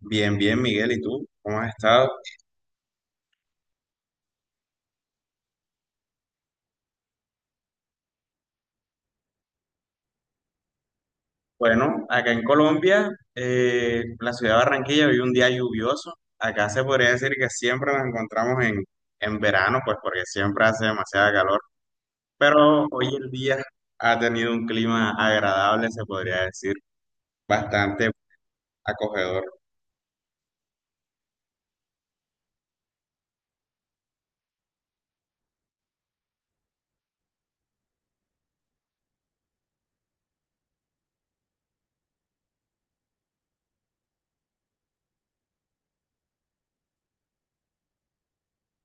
Bien, bien, Miguel, ¿y tú? ¿Cómo has estado? Bueno, acá en Colombia, la ciudad de Barranquilla vive un día lluvioso. Acá se podría decir que siempre nos encontramos en verano, pues porque siempre hace demasiada calor. Pero hoy el día ha tenido un clima agradable, se podría decir, bastante acogedor.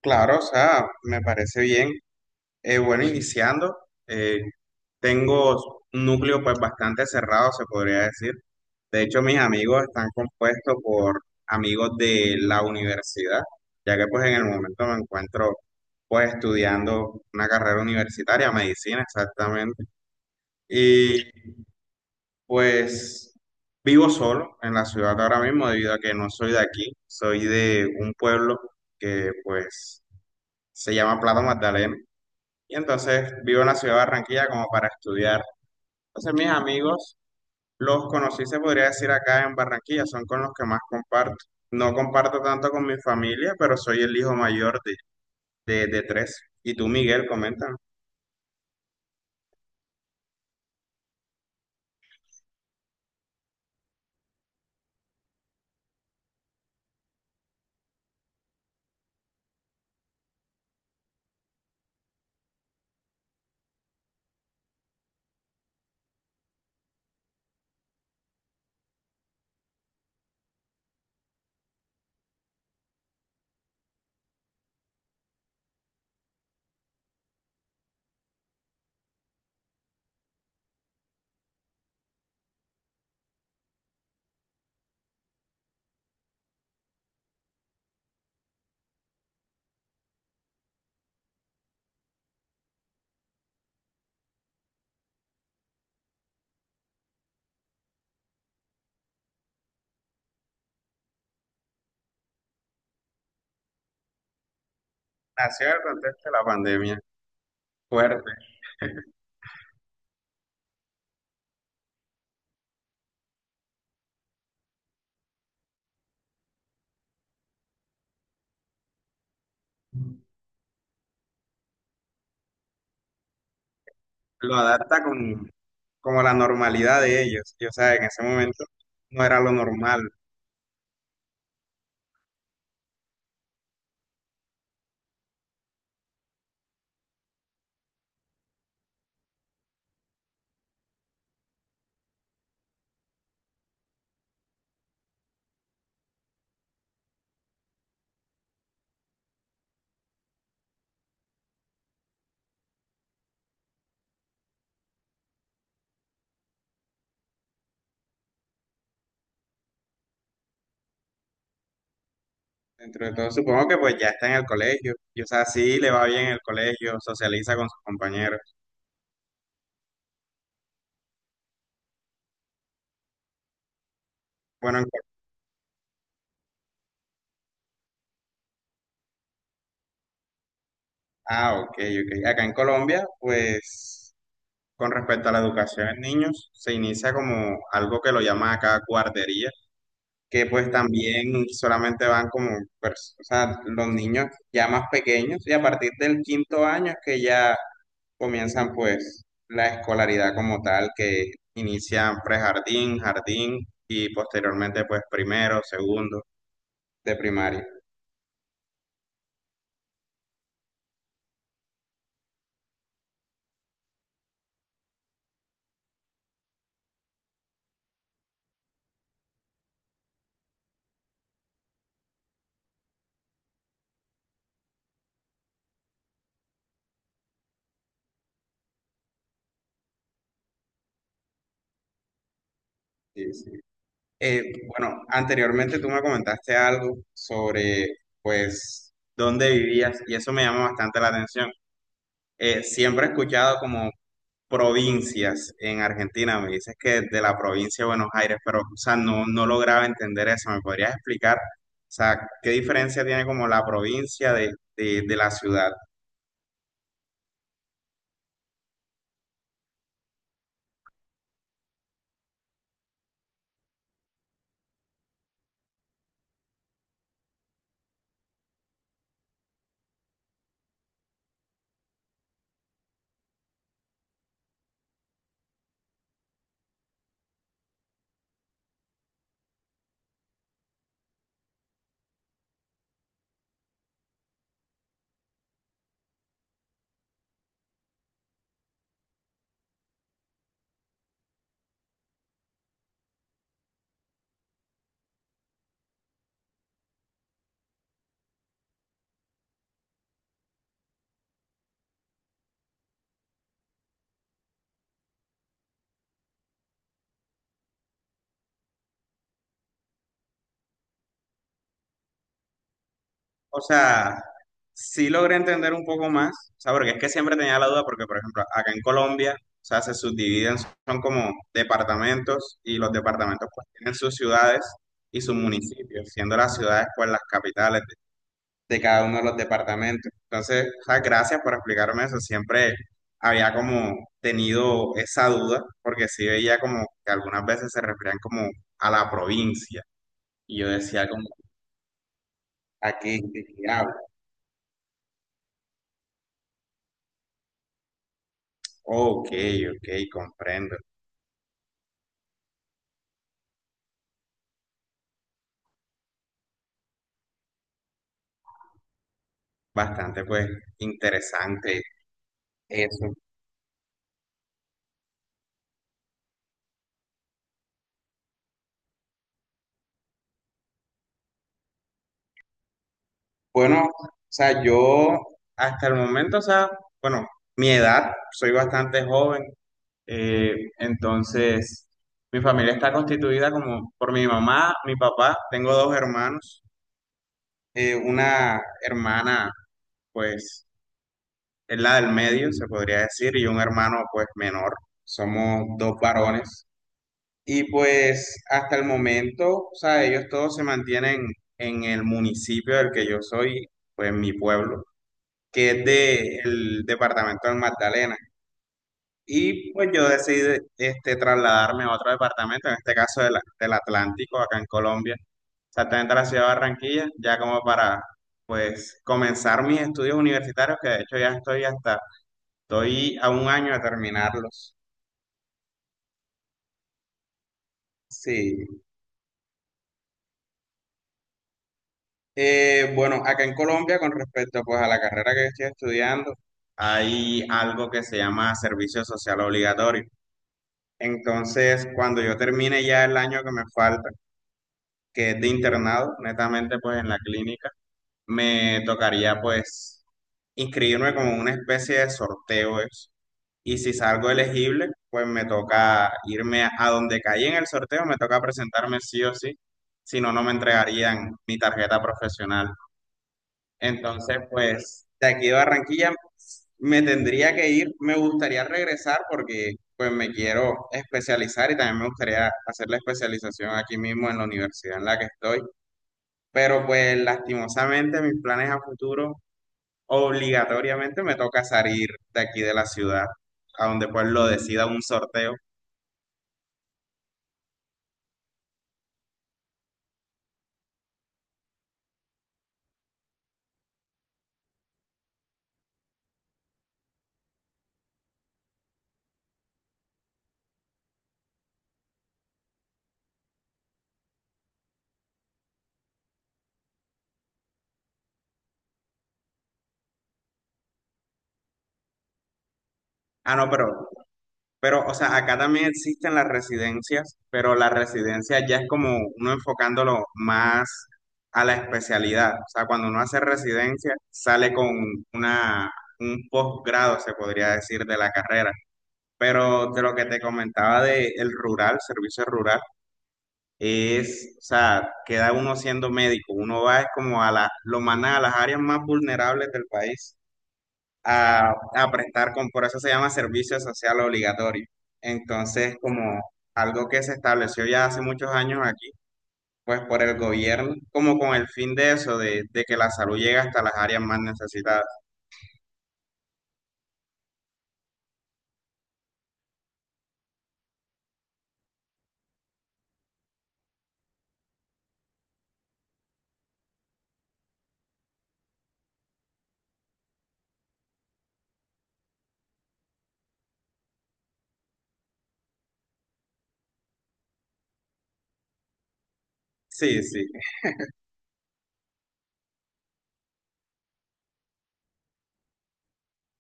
Claro, o sea, me parece bien. Bueno, iniciando, eh, tengo un núcleo pues bastante cerrado, se podría decir. De hecho, mis amigos están compuestos por amigos de la universidad, ya que pues en el momento me encuentro pues estudiando una carrera universitaria, medicina exactamente. Y pues vivo solo en la ciudad ahora mismo debido a que no soy de aquí, soy de un pueblo que pues se llama Plata Magdalena. Y entonces vivo en la ciudad de Barranquilla como para estudiar. Entonces mis amigos los conocí, se podría decir, acá en Barranquilla, son con los que más comparto. No comparto tanto con mi familia, pero soy el hijo mayor de tres. Y tú, Miguel, coméntame. Nació en el contexto de la pandemia, fuerte. Lo adapta con como la normalidad de ellos. Y, o sea, en ese momento no era lo normal. Dentro de todo, supongo que pues ya está en el colegio. Y, o sea, sí le va bien el colegio, socializa con sus compañeros. Bueno, en- ah, ok, ok. Acá en Colombia, pues. Con respecto a la educación en niños, se inicia como algo que lo llaman acá guardería, que pues también solamente van como, o sea, los niños ya más pequeños, y a partir del quinto año es que ya comienzan pues la escolaridad como tal, que inician prejardín, jardín, y posteriormente pues primero, segundo de primaria. Sí, sí. Eh, bueno, anteriormente tú me comentaste algo sobre pues dónde vivías y eso me llama bastante la atención. Siempre he escuchado como provincias en Argentina, me dices que de la provincia de Buenos Aires, pero o sea, no, no lograba entender eso. ¿Me podrías explicar, o sea, qué diferencia tiene como la provincia de la ciudad? O sea, sí logré entender un poco más, o sea, porque es que siempre tenía la duda, porque por ejemplo, acá en Colombia, o sea, se subdividen, son como departamentos y los departamentos pues tienen sus ciudades y sus municipios, siendo las ciudades pues las capitales de cada uno de los departamentos. Entonces, o sea, gracias por explicarme eso. Siempre había como tenido esa duda, porque sí veía como que algunas veces se referían como a la provincia. Y yo decía como, ¿a qué, de qué hablas? Ok, ok, comprendo. Bastante pues interesante eso. Bueno, o sea, yo hasta el momento, o sea, bueno, mi edad, soy bastante joven. Eh, entonces, mi familia está constituida como por mi mamá, mi papá, tengo dos hermanos, una hermana, pues, es la del medio, se podría decir, y un hermano, pues, menor. Somos dos varones. Y pues, hasta el momento, o sea, ellos todos se mantienen en el municipio del que yo soy, pues, mi pueblo, que es del departamento del Magdalena. Y pues yo decidí este, trasladarme a otro departamento, en este caso del Atlántico, acá en Colombia, exactamente a la ciudad de Barranquilla, ya como para pues comenzar mis estudios universitarios, que de hecho ya estoy hasta, estoy a un año de terminarlos. Sí. Bueno, acá en Colombia, con respecto pues a la carrera que estoy estudiando, hay algo que se llama servicio social obligatorio. Entonces, cuando yo termine ya el año que me falta, que es de internado, netamente pues en la clínica, me tocaría pues inscribirme como en una especie de sorteo eso. Y si salgo elegible, pues me toca irme a donde caí en el sorteo, me toca presentarme sí o sí, si no, no me entregarían mi tarjeta profesional. Entonces, pues de aquí de Barranquilla me tendría que ir, me gustaría regresar porque pues me quiero especializar y también me gustaría hacer la especialización aquí mismo en la universidad en la que estoy. Pero pues lastimosamente mis planes a futuro obligatoriamente me toca salir de aquí de la ciudad, a donde pues lo decida un sorteo. Ah, no, pero, o sea, acá también existen las residencias, pero la residencia ya es como uno enfocándolo más a la especialidad. O sea, cuando uno hace residencia, sale con una, un posgrado, se podría decir, de la carrera. Pero de lo que te comentaba del rural, servicio rural, es, o sea, queda uno siendo médico, uno va es como a la, lo mandan a las áreas más vulnerables del país a prestar, con, por eso se llama servicio social obligatorio. Entonces, como algo que se estableció ya hace muchos años aquí, pues por el gobierno, como con el fin de eso, de que la salud llegue hasta las áreas más necesitadas. Sí, sí,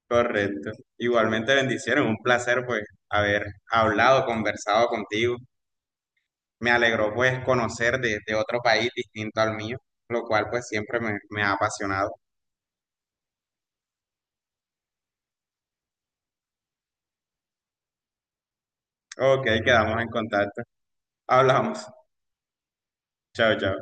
correcto. Igualmente bendiciones, un placer pues haber hablado, conversado contigo. Me alegró pues conocer de otro país distinto al mío, lo cual pues siempre me ha apasionado. Ok, quedamos en contacto. Hablamos. Chao, chao.